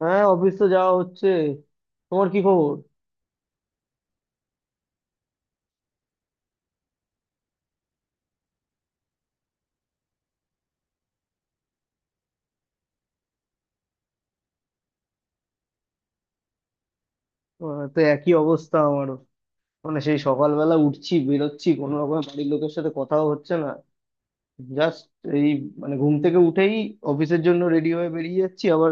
হ্যাঁ, অফিস তো যাওয়া হচ্ছে। তোমার কি খবর? তো একই অবস্থা আমারও। মানে সেই সকালবেলা উঠছি, বেরোচ্ছি, কোনো রকম বাড়ির লোকের সাথে কথাও হচ্ছে না। জাস্ট এই, মানে ঘুম থেকে উঠেই অফিসের জন্য রেডি হয়ে বেরিয়ে যাচ্ছি, আবার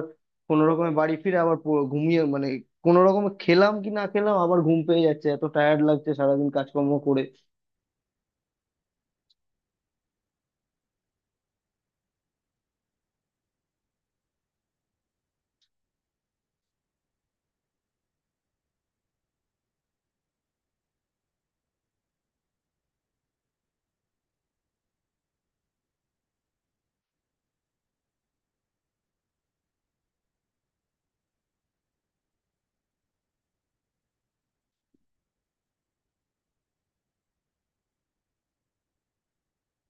কোনো রকমে বাড়ি ফিরে আবার ঘুমিয়ে, মানে কোনো রকমে খেলাম কি না খেলাম আবার ঘুম পেয়ে যাচ্ছে, এত টায়ার্ড লাগছে সারাদিন কাজকর্ম করে।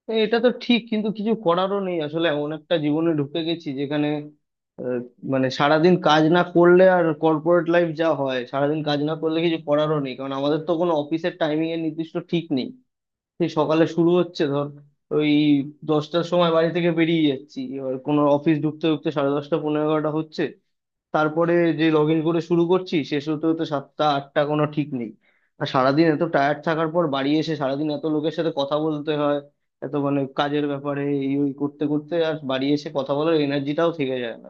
হ্যাঁ, এটা তো ঠিক, কিন্তু কিছু করারও নেই, আসলে এমন একটা জীবনে ঢুকে গেছি যেখানে আহ, মানে সারাদিন কাজ না করলে, আর কর্পোরেট লাইফ যা হয় সারাদিন কাজ না করলে কিছু করারও নেই, কারণ আমাদের তো কোনো অফিসের টাইমিং এর নির্দিষ্ট ঠিক নেই। সেই সকালে শুরু হচ্ছে, ধর ওই 10টার সময় বাড়ি থেকে বেরিয়ে যাচ্ছি, এবার কোনো অফিস ঢুকতে ঢুকতে সাড়ে 10টা, পনেরো, 11টা হচ্ছে। তারপরে যে লগ ইন করে শুরু করছি শেষ হতে হতে 7টা 8টা, কোনো ঠিক নেই। আর সারাদিন এত টায়ার্ড থাকার পর বাড়ি এসে সারাদিন এত লোকের সাথে কথা বলতে হয়, এত মানে কাজের ব্যাপারে এই ওই করতে করতে আর বাড়ি এসে কথা বলার এনার্জিটাও থেকে যায় না।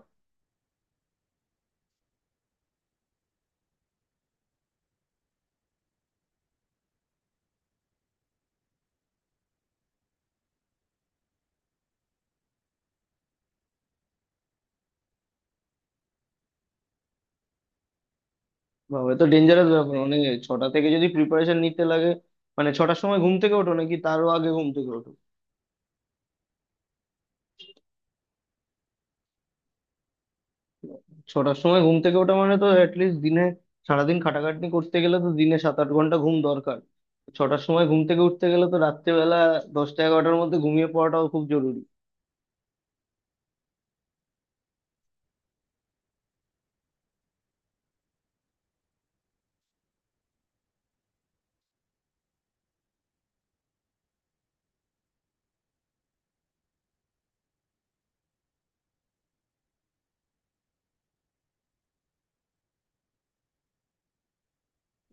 বাবা, এ তো ডেঞ্জারাস ব্যাপার, মানে ছটা থেকে যদি প্রিপারেশন নিতে লাগে, মানে ছটার সময় ঘুম থেকে ওঠো নাকি তারও আগে ঘুম থেকে ওঠো? ছটার সময় ঘুম থেকে ওঠা মানে তো অ্যাটলিস্ট দিনে, সারাদিন খাটাখাটনি করতে গেলে তো দিনে 7 8 ঘন্টা ঘুম দরকার। ছটার সময় ঘুম থেকে উঠতে গেলে তো রাত্রেবেলা 10টা 11টার মধ্যে ঘুমিয়ে পড়াটাও খুব জরুরি।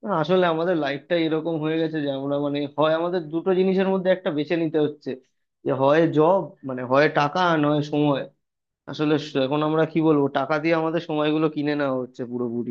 না, আসলে আমাদের লাইফটা এরকম হয়ে গেছে যে আমরা, মানে হয় আমাদের দুটো জিনিসের মধ্যে একটা বেছে নিতে হচ্ছে, যে হয় জব, মানে হয় টাকা আর নয় সময়। আসলে এখন আমরা কি বলবো, টাকা দিয়ে আমাদের সময়গুলো কিনে নেওয়া হচ্ছে পুরোপুরি।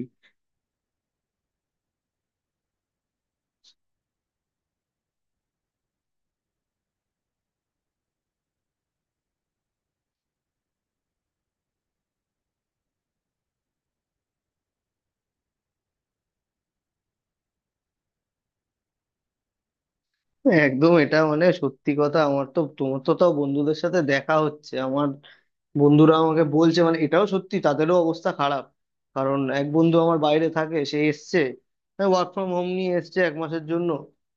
একদম, এটা মানে সত্যি কথা। আমার তো, তোমার তো তাও বন্ধুদের সাথে দেখা হচ্ছে, আমার বন্ধুরা আমাকে বলছে, মানে এটাও সত্যি তাদেরও অবস্থা খারাপ। কারণ এক বন্ধু আমার বাইরে থাকে, সে এসছে ওয়ার্ক ফ্রম হোম নিয়ে এসছে এক মাসের জন্য।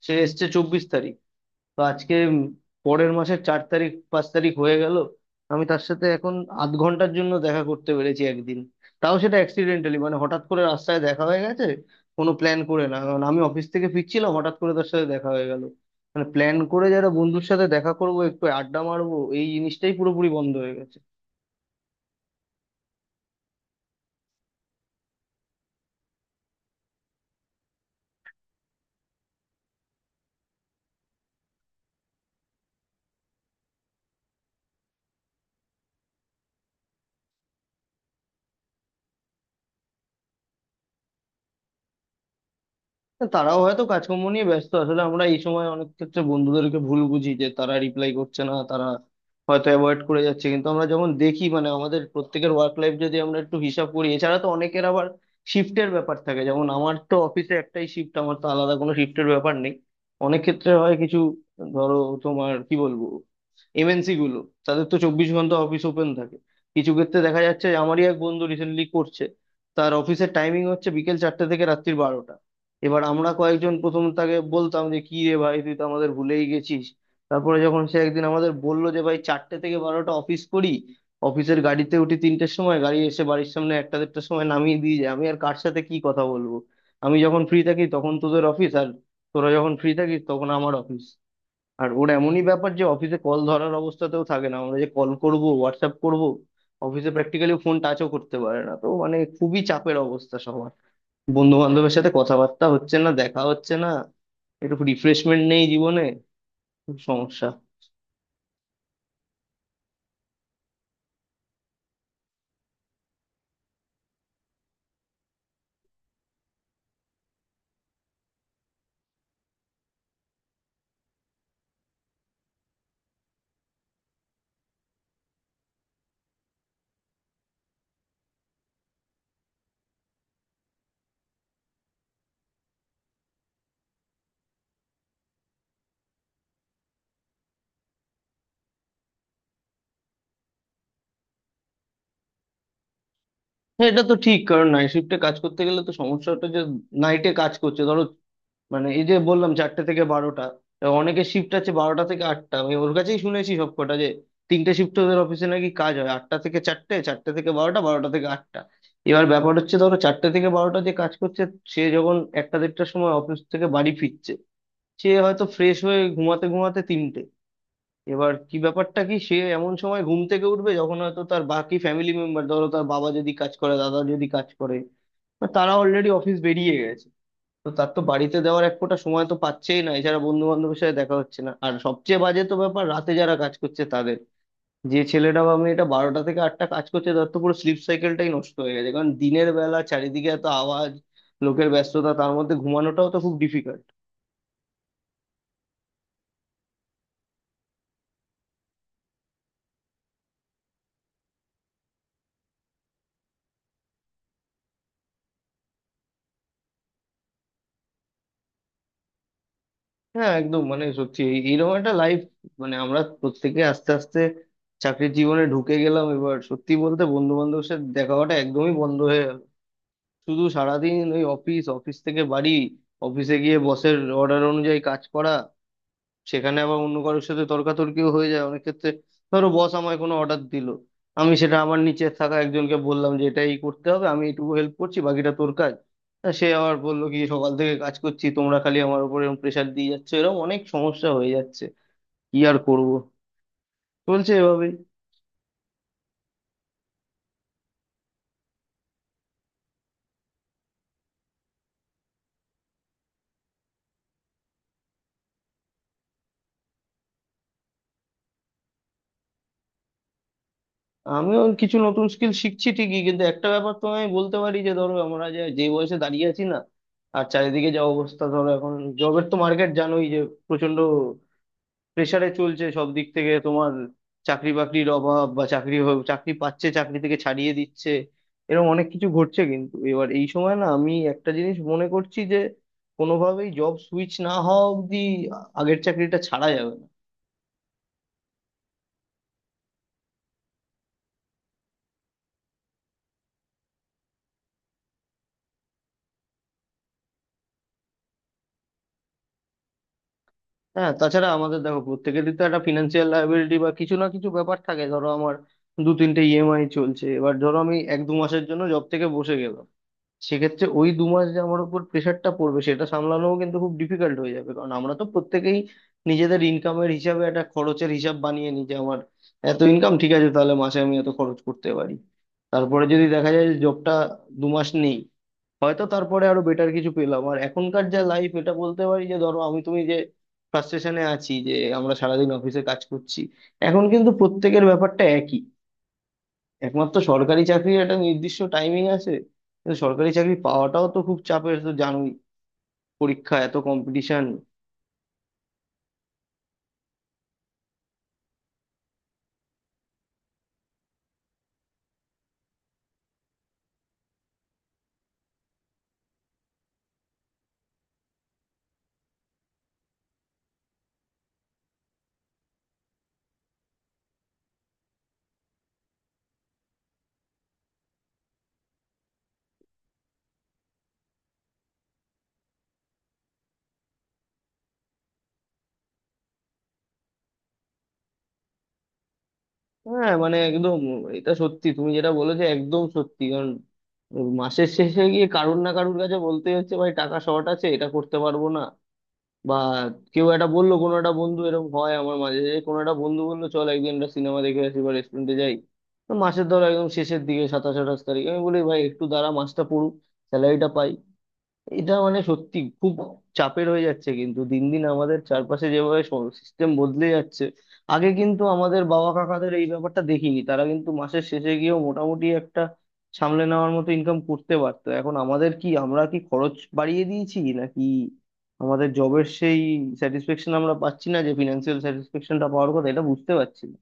সে এসছে 24 তারিখ, তো আজকে পরের মাসের 4 তারিখ 5 তারিখ হয়ে গেল। আমি তার সাথে এখন আধ ঘন্টার জন্য দেখা করতে পেরেছি একদিন, তাও সেটা অ্যাক্সিডেন্টালি, মানে হঠাৎ করে রাস্তায় দেখা হয়ে গেছে, কোনো প্ল্যান করে না, কারণ আমি অফিস থেকে ফিরছিলাম হঠাৎ করে তার সাথে দেখা হয়ে গেল। মানে প্ল্যান করে যারা বন্ধুর সাথে দেখা করবো, একটু আড্ডা মারবো, এই জিনিসটাই পুরোপুরি বন্ধ হয়ে গেছে। তারাও হয়তো কাজকর্ম নিয়ে ব্যস্ত, আসলে আমরা এই সময় অনেক ক্ষেত্রে বন্ধুদেরকে ভুল বুঝি যে তারা রিপ্লাই করছে না, তারা হয়তো অ্যাভয়েড করে যাচ্ছে, কিন্তু আমরা যখন দেখি মানে আমাদের প্রত্যেকের ওয়ার্ক লাইফ যদি আমরা একটু হিসাব করি, এছাড়া তো অনেকের আবার শিফটের ব্যাপার থাকে। যেমন আমার তো অফিসে একটাই শিফট, আমার তো আলাদা কোনো শিফটের ব্যাপার নেই। অনেক ক্ষেত্রে হয় কিছু, ধরো, তোমার কি বলবো, এমএনসি গুলো, তাদের তো 24 ঘন্টা অফিস ওপেন থাকে। কিছু ক্ষেত্রে দেখা যাচ্ছে যে আমারই এক বন্ধু রিসেন্টলি করছে, তার অফিসের টাইমিং হচ্ছে বিকেল 4টে থেকে রাত্রির 12টা। এবার আমরা কয়েকজন প্রথম তাকে বলতাম যে কি রে ভাই, তুই তো আমাদের ভুলেই গেছিস। তারপরে যখন সে একদিন আমাদের বললো যে ভাই, 4টে থেকে 12টা অফিস করি, অফিসের গাড়িতে উঠি 3টের সময়, গাড়ি এসে বাড়ির সামনে একটা 1.30টার সময় নামিয়ে দিয়ে যায়, আমি আর কার সাথে কি কথা বলবো? আমি যখন ফ্রি থাকি তখন তোদের অফিস, আর তোরা যখন ফ্রি থাকিস তখন আমার অফিস। আর ওর এমনই ব্যাপার যে অফিসে কল ধরার অবস্থাতেও থাকে না, আমরা যে কল করব, হোয়াটসঅ্যাপ করব, অফিসে প্র্যাকটিক্যালি ফোন টাচও করতে পারে না। তো মানে খুবই চাপের অবস্থা সবার, বন্ধু বান্ধবের সাথে কথাবার্তা হচ্ছে না, দেখা হচ্ছে না, একটু রিফ্রেশমেন্ট নেই জীবনে, খুব সমস্যা। হ্যাঁ, এটা তো ঠিক, কারণ নাইট শিফটে কাজ করতে গেলে তো সমস্যাটা, যে নাইটে কাজ করছে ধরো, মানে এই যে বললাম 4টে থেকে 12টা, তা অনেকের শিফট আছে 12টা থেকে 8টা। আমি ওর কাছেই শুনেছি সব কটা, যে তিনটে শিফট ওদের অফিসে নাকি কাজ হয়, 8টা থেকে 4টে, 4টে থেকে 12টা, 12টা থেকে 8টা। এবার ব্যাপার হচ্ছে ধরো 4টে থেকে 12টা যে কাজ করছে, সে যখন একটা 1.30টার সময় অফিস থেকে বাড়ি ফিরছে, সে হয়তো ফ্রেশ হয়ে ঘুমাতে ঘুমাতে 3টে। এবার কি ব্যাপারটা কি, সে এমন সময় ঘুম থেকে উঠবে যখন হয়তো তার বাকি ফ্যামিলি মেম্বার, ধরো তার বাবা যদি কাজ করে, দাদা যদি কাজ করে, বা তারা অলরেডি অফিস বেরিয়ে গেছে, তো তার তো বাড়িতে দেওয়ার এক ফোঁটা সময় তো পাচ্ছেই না। এছাড়া বন্ধু বান্ধবের সাথে দেখা হচ্ছে না, আর সবচেয়ে বাজে তো ব্যাপার রাতে যারা কাজ করছে তাদের, যে ছেলেটা বা মেয়েটা 12টা থেকে 8টা কাজ করছে, তার তো পুরো স্লিপ সাইকেলটাই নষ্ট হয়ে গেছে, কারণ দিনের বেলা চারিদিকে এত আওয়াজ, লোকের ব্যস্ততা, তার মধ্যে ঘুমানোটাও তো খুব ডিফিকাল্ট। হ্যাঁ, একদম, মানে সত্যি এইরকম একটা লাইফ, মানে আমরা প্রত্যেকে আস্তে আস্তে চাকরির জীবনে ঢুকে গেলাম। এবার সত্যি বলতে বন্ধু বান্ধবের সাথে দেখা হওয়াটা একদমই বন্ধ হয়ে গেল, শুধু সারাদিন ওই অফিস, অফিস থেকে বাড়ি, অফিসে গিয়ে বসের অর্ডার অনুযায়ী কাজ করা, সেখানে আবার অন্য কারোর সাথে তর্কাতর্কিও হয়ে যায় অনেক ক্ষেত্রে। ধরো বস আমায় কোনো অর্ডার দিল, আমি সেটা আমার নিচে থাকা একজনকে বললাম যে এটা এই করতে হবে, আমি এইটুকু হেল্প করছি, বাকিটা তোর কাজ। তা সে আবার বললো কি সকাল থেকে কাজ করছি, তোমরা খালি আমার উপর এরকম প্রেশার দিয়ে যাচ্ছ, এরকম অনেক সমস্যা হয়ে যাচ্ছে। কি আর করব, চলছে এভাবেই। আমিও কিছু নতুন স্কিল শিখছি ঠিকই, কিন্তু একটা ব্যাপার তো আমি বলতে পারি যে, ধরো আমরা যে যে বয়সে দাঁড়িয়ে আছি না, আর চারিদিকে যা অবস্থা ধরো এখন, জবের তো মার্কেট জানোই, যে প্রচন্ড প্রেশারে চলছে সব দিক থেকে। তোমার চাকরি বাকরির অভাব, বা চাকরি চাকরি পাচ্ছে, চাকরি থেকে ছাড়িয়ে দিচ্ছে, এরকম অনেক কিছু ঘটছে। কিন্তু এবার এই সময় না, আমি একটা জিনিস মনে করছি যে কোনোভাবেই জব সুইচ না হওয়া অবধি আগের চাকরিটা ছাড়া যাবে না। হ্যাঁ তাছাড়া আমাদের দেখো প্রত্যেকেরই তো একটা ফিনান্সিয়াল লায়াবিলিটি বা কিছু না কিছু ব্যাপার থাকে, ধরো আমার দু তিনটে ইএমআই চলছে। এবার ধরো আমি এক দু মাসের জন্য জব থেকে বসে গেলাম, সেক্ষেত্রে ওই দু মাস যে আমার উপর প্রেশারটা পড়বে সেটা সামলানোও কিন্তু খুব ডিফিকাল্ট হয়ে যাবে, কারণ আমরা তো প্রত্যেকেই নিজেদের ইনকামের হিসাবে একটা খরচের হিসাব বানিয়ে নিই, যে আমার এত ইনকাম, ঠিক আছে তাহলে মাসে আমি এত খরচ করতে পারি। তারপরে যদি দেখা যায় যে জবটা দু মাস নেই, হয়তো তারপরে আরো বেটার কিছু পেলাম। আর এখনকার যা লাইফ, এটা বলতে পারি যে ধরো আমি তুমি যে ফ্রাস্ট্রেশনে আছি, যে আমরা সারাদিন অফিসে কাজ করছি, এখন কিন্তু প্রত্যেকের ব্যাপারটা একই। একমাত্র সরকারি চাকরির একটা নির্দিষ্ট টাইমিং আছে, কিন্তু সরকারি চাকরি পাওয়াটাও তো খুব চাপের তো জানোই, পরীক্ষা, এত কম্পিটিশন। হ্যাঁ মানে একদম, এটা সত্যি, তুমি যেটা বলেছো একদম সত্যি, কারণ মাসের শেষে গিয়ে কারুর না কারুর কাছে বলতে হচ্ছে ভাই টাকা শর্ট আছে, এটা করতে পারবো না, বা কেউ একটা বললো, কোনো একটা বন্ধু, এরকম হয় আমার মাঝে, যে কোনো একটা বন্ধু বললো চল একদিন একটা সিনেমা দেখে আসি বা রেস্টুরেন্টে যাই, তো মাসের ধরো একদম শেষের দিকে 27 28 তারিখ, আমি বলি ভাই একটু দাঁড়া, মাসটা পড়ুক, স্যালারিটা পাই। এটা মানে সত্যি খুব চাপের হয়ে যাচ্ছে, কিন্তু দিন দিন আমাদের চারপাশে যেভাবে সিস্টেম বদলে যাচ্ছে। আগে কিন্তু আমাদের বাবা কাকাদের এই ব্যাপারটা দেখিনি, তারা কিন্তু মাসের শেষে গিয়েও মোটামুটি একটা সামলে নেওয়ার মতো ইনকাম করতে পারতো। এখন আমাদের কি, আমরা কি খরচ বাড়িয়ে দিয়েছি নাকি আমাদের জবের সেই স্যাটিসফ্যাকশন আমরা পাচ্ছি না, যে ফিনান্সিয়াল স্যাটিসফ্যাকশনটা পাওয়ার কথা, এটা বুঝতে পারছি না।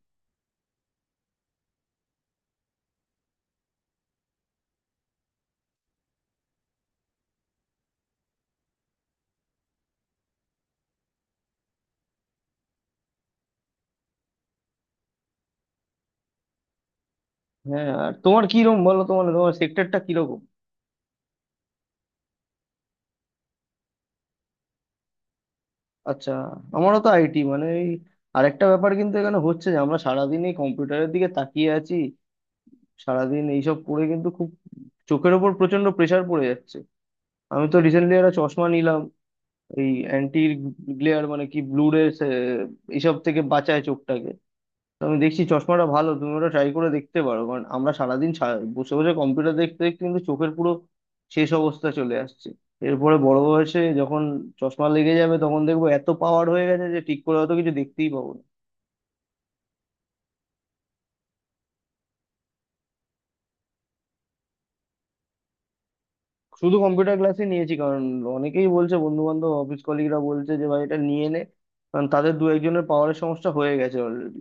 হ্যাঁ আর তোমার কিরকম বলো, তোমার তোমার সেক্টরটা কিরকম? আচ্ছা, আমারও তো আইটি, মানে এই, আরেকটা ব্যাপার কিন্তু এখানে হচ্ছে যে আমরা সারাদিন এই কম্পিউটারের দিকে তাকিয়ে আছি, সারাদিন এইসব করে কিন্তু খুব চোখের ওপর প্রচন্ড প্রেসার পড়ে যাচ্ছে। আমি তো রিসেন্টলি একটা চশমা নিলাম, এই অ্যান্টি গ্লেয়ার, মানে কি ব্লু রে এইসব থেকে বাঁচায় চোখটাকে। তো আমি দেখছি চশমাটা ভালো, তুমি ওটা ট্রাই করে দেখতে পারো, কারণ আমরা সারাদিন বসে বসে কম্পিউটার দেখতে দেখতে কিন্তু চোখের পুরো শেষ অবস্থা চলে আসছে। এরপরে বড় বয়সে যখন চশমা লেগে যাবে তখন দেখবো এত পাওয়ার হয়ে গেছে যে ঠিক করে হয়তো কিছু দেখতেই পাবো না। শুধু কম্পিউটার ক্লাসই নিয়েছি, কারণ অনেকেই বলছে বন্ধু বান্ধব, অফিস কলিগরা বলছে যে ভাই এটা নিয়ে নে, কারণ তাদের দু একজনের পাওয়ারের সমস্যা হয়ে গেছে অলরেডি।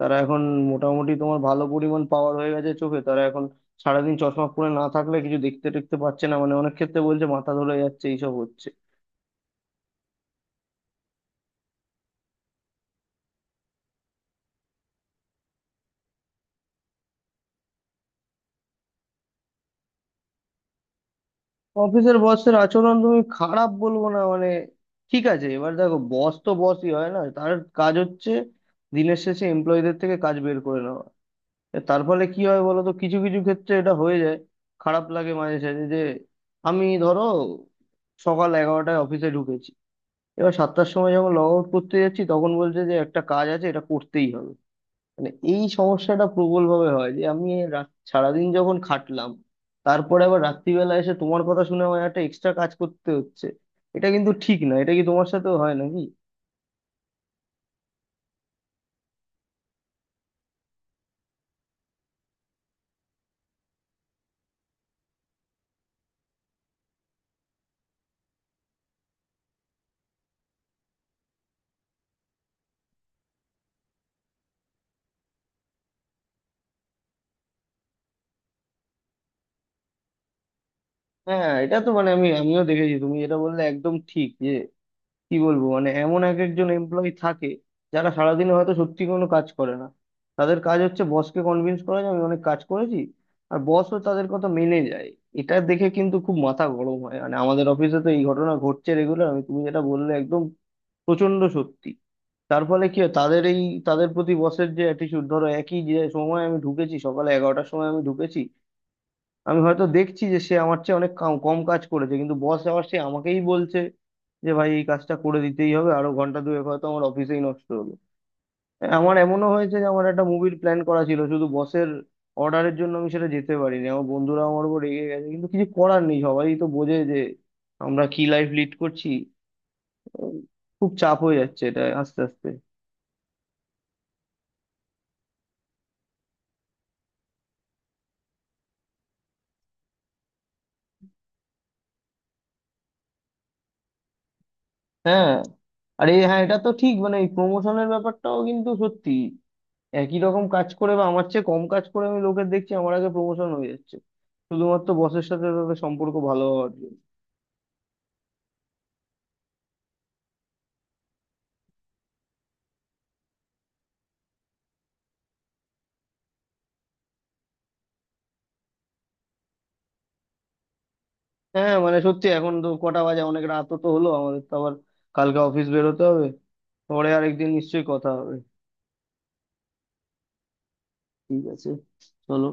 তারা এখন মোটামুটি তোমার ভালো পরিমাণ পাওয়ার হয়ে গেছে চোখে, তারা এখন সারাদিন চশমা পরে না থাকলে কিছু দেখতে টেখতে পারছে না, মানে অনেক ক্ষেত্রে বলছে মাথা ধরে যাচ্ছে এইসব হচ্ছে। অফিসের বসের আচরণ তুমি খারাপ বলবো না, মানে ঠিক আছে, এবার দেখো বস তো বসই হয়, না তার কাজ হচ্ছে দিনের শেষে এমপ্লয়ীদের থেকে কাজ বের করে নেওয়া। এ তার ফলে কি হয় বলো তো, কিছু কিছু ক্ষেত্রে এটা হয়ে যায়, খারাপ লাগে মাঝে সাঝে, যে আমি ধরো সকাল 11টায় অফিসে ঢুকেছি, এবার 7টার সময় যখন লগ আউট করতে যাচ্ছি তখন বলছে যে একটা কাজ আছে, এটা করতেই হবে। মানে এই সমস্যাটা প্রবল ভাবে হয়, যে আমি সারাদিন যখন খাটলাম, তারপরে আবার রাত্রিবেলা এসে তোমার কথা শুনে আমার একটা এক্সট্রা কাজ করতে হচ্ছে, এটা কিন্তু ঠিক না। এটা কি তোমার সাথেও হয় নাকি? হ্যাঁ এটা তো মানে, আমি আমিও দেখেছি, তুমি যেটা বললে একদম ঠিক, যে কি বলবো, মানে এমন এক একজন এমপ্লয়ি থাকে যারা সারাদিনে হয়তো সত্যি কোনো কাজ করে না, তাদের কাজ হচ্ছে বসকে কনভিন্স করা যে আমি অনেক কাজ করেছি, আর বসও তাদের কথা মেনে যায়। এটা দেখে কিন্তু খুব মাথা গরম হয়, মানে আমাদের অফিসে তো এই ঘটনা ঘটছে রেগুলার। আমি তুমি যেটা বললে একদম প্রচন্ড সত্যি, তার ফলে কি হয় তাদের এই, তাদের প্রতি বসের যে অ্যাটিচিউড, ধরো একই যে সময় আমি ঢুকেছি সকালে 11টার সময় আমি ঢুকেছি, আমি হয়তো দেখছি যে সে আমার চেয়ে অনেক কম কাজ করেছে, কিন্তু বস আবার সে আমাকেই বলছে যে ভাই এই কাজটা করে দিতেই হবে, আরো ঘন্টা দুয়েক হয়তো আমার অফিসেই নষ্ট হলো। হ্যাঁ, আমার এমনও হয়েছে যে আমার একটা মুভির প্ল্যান করা ছিল, শুধু বসের অর্ডারের জন্য আমি সেটা যেতে পারিনি, আমার বন্ধুরা আমার উপর রেগে গেছে, কিন্তু কিছু করার নেই, সবাই তো বোঝে যে আমরা কি লাইফ লিড করছি। উম, খুব চাপ হয়ে যাচ্ছে এটা আস্তে আস্তে। হ্যাঁ আরে হ্যাঁ, এটা তো ঠিক, মানে এই প্রমোশনের ব্যাপারটাও কিন্তু সত্যি। একই রকম কাজ করে বা আমার চেয়ে কম কাজ করে, আমি লোকের দেখছি আমার আগে প্রমোশন হয়ে যাচ্ছে, শুধুমাত্র বসের সাথে তাদের সম্পর্ক ভালো হওয়ার জন্য। হ্যাঁ মানে সত্যি, এখন তো কটা বাজে, অনেক রাতও তো হলো, আমাদের তো আবার কালকে অফিস বেরোতে হবে। পরে আরেকদিন নিশ্চয়ই কথা হবে। ঠিক আছে, চলো।